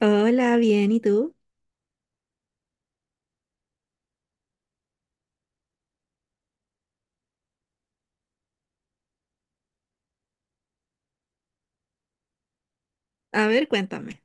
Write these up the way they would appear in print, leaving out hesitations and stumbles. Hola, bien, ¿y tú? A ver, cuéntame.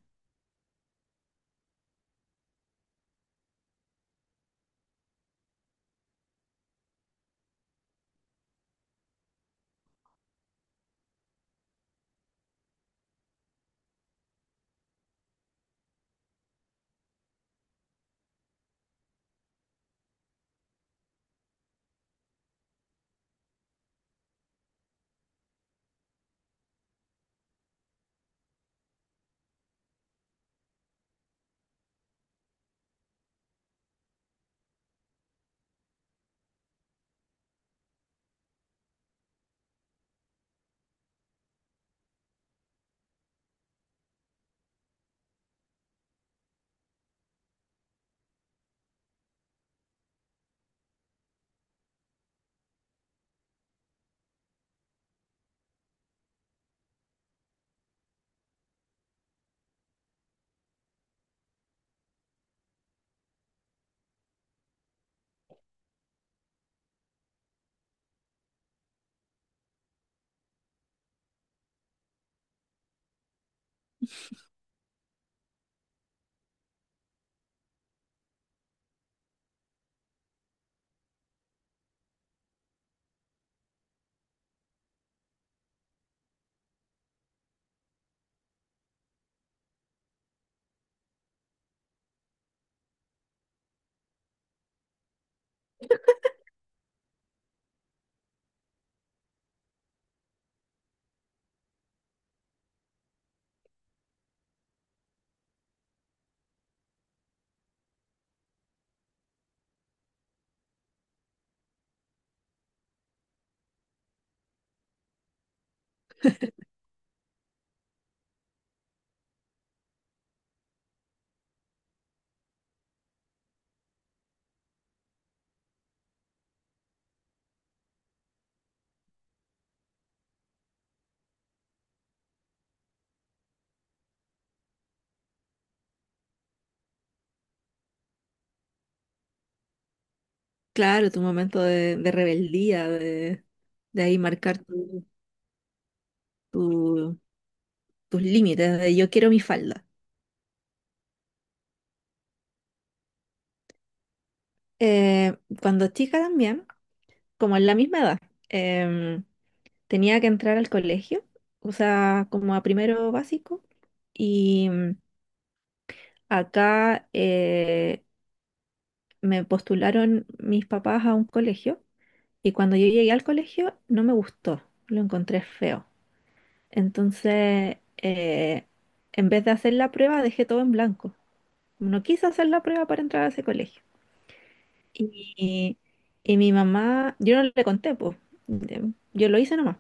Claro, tu momento de rebeldía, de ahí marcar tu- tus límites, de yo quiero mi falda. Cuando chica también, como en la misma edad, em, tenía que entrar al colegio, o sea, como a primero básico, y acá me postularon mis papás a un colegio, y cuando yo llegué al colegio no me gustó, lo encontré feo. Entonces, en vez de hacer la prueba, dejé todo en blanco. No quise hacer la prueba para entrar a ese colegio. Y, y mi mamá, yo no le conté, pues, yo lo hice nomás.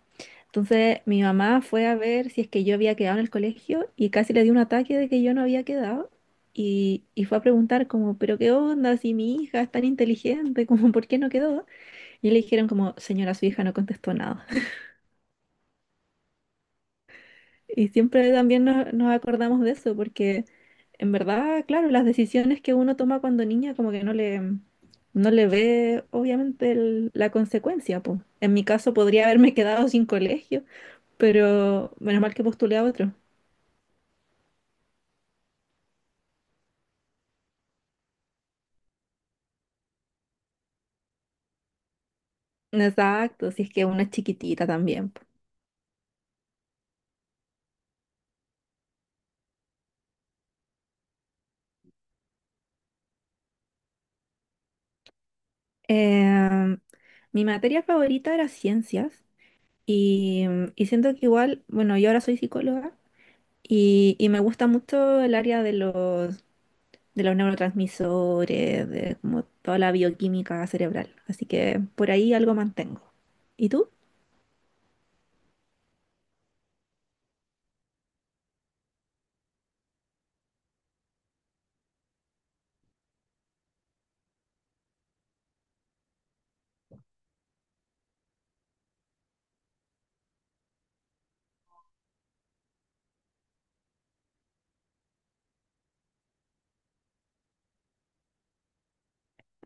Entonces mi mamá fue a ver si es que yo había quedado en el colegio y casi le dio un ataque de que yo no había quedado. Y fue a preguntar como, pero qué onda, si mi hija es tan inteligente, como, ¿por qué no quedó? Y le dijeron como, señora, su hija no contestó nada. Y siempre también nos acordamos de eso, porque en verdad, claro, las decisiones que uno toma cuando niña como que no le ve obviamente la consecuencia, po. En mi caso podría haberme quedado sin colegio, pero menos mal que postulé a otro. Exacto, si es que una es chiquitita también. Po. Eh, mi materia favorita era ciencias y, y siento que igual, bueno, yo ahora soy psicóloga y me gusta mucho el área de los neurotransmisores, de como toda la bioquímica cerebral. Así que por ahí algo mantengo. ¿Y tú?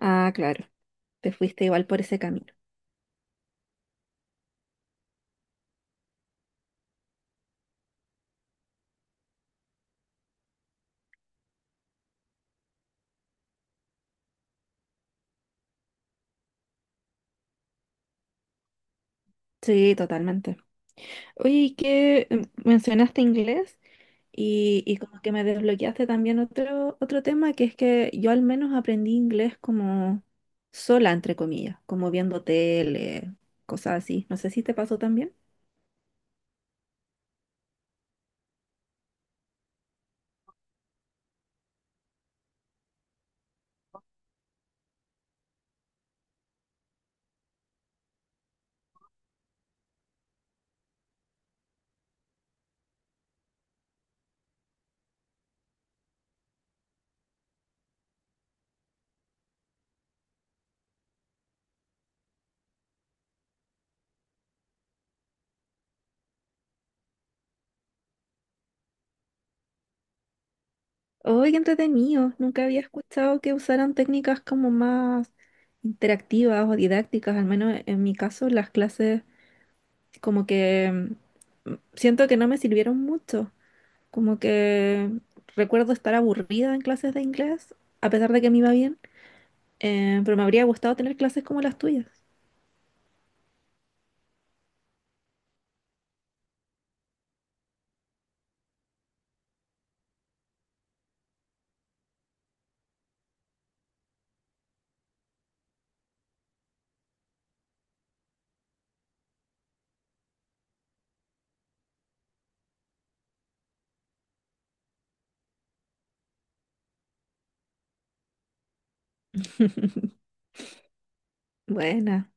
Ah, claro, te fuiste igual por ese camino. Sí, totalmente. Oye, ¿y qué mencionaste inglés? Y como que me desbloqueaste también otro tema, que es que yo al menos aprendí inglés como sola, entre comillas, como viendo tele, cosas así. No sé si te pasó también. Oh, qué entretenido. Nunca había escuchado que usaran técnicas como más interactivas o didácticas. Al menos en mi caso, las clases como que siento que no me sirvieron mucho. Como que recuerdo estar aburrida en clases de inglés, a pesar de que me iba bien, pero me habría gustado tener clases como las tuyas. Buena.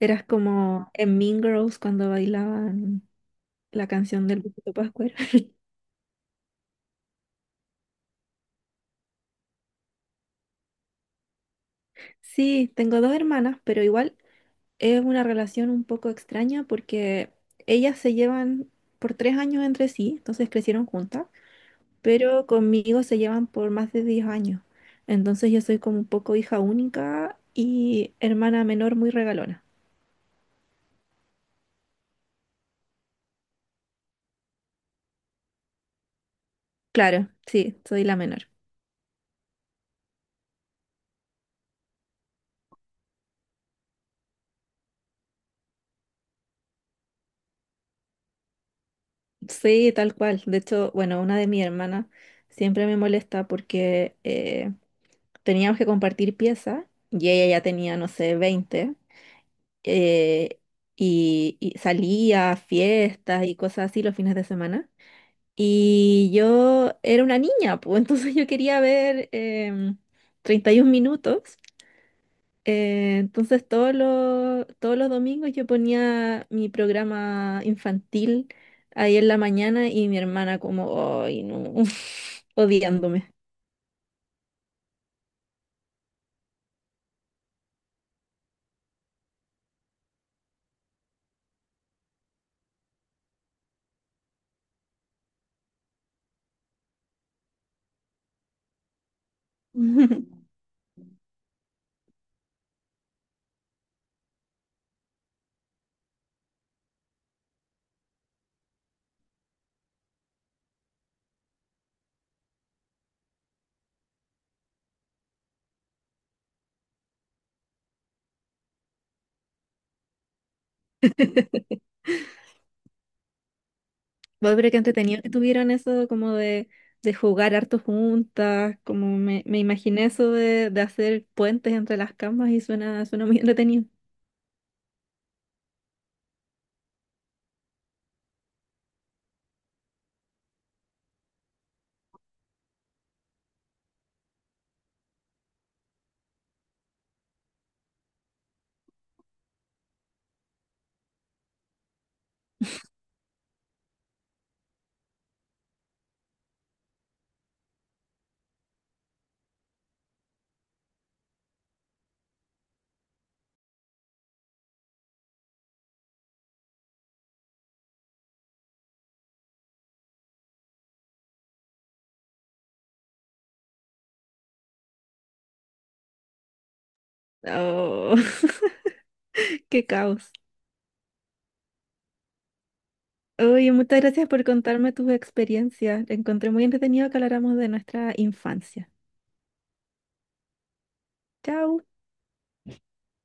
Eras como en Mean Girls cuando bailaban la canción del Luisito Pascuero. Sí, tengo dos hermanas, pero igual. Es una relación un poco extraña porque ellas se llevan por tres años entre sí, entonces crecieron juntas, pero conmigo se llevan por más de diez años. Entonces yo soy como un poco hija única y hermana menor muy regalona. Claro, sí, soy la menor. Sí, tal cual. De hecho, bueno, una de mis hermanas siempre me molesta porque teníamos que compartir piezas y ella ya tenía, no sé, 20 eh, y salía a fiestas y cosas así los fines de semana. Y yo era una niña, pues entonces yo quería ver 31 minutos. Entonces todos los domingos yo ponía mi programa infantil ahí en la mañana y mi hermana como, ay, no, odiándome. Bueno, pero qué entretenido que tuvieran eso como de jugar harto juntas, como me imaginé eso de hacer puentes entre las camas y suena, suena muy entretenido. Oh, qué caos. Oye, muchas gracias por contarme tus experiencias. Encontré muy entretenido que habláramos de nuestra infancia. Chao.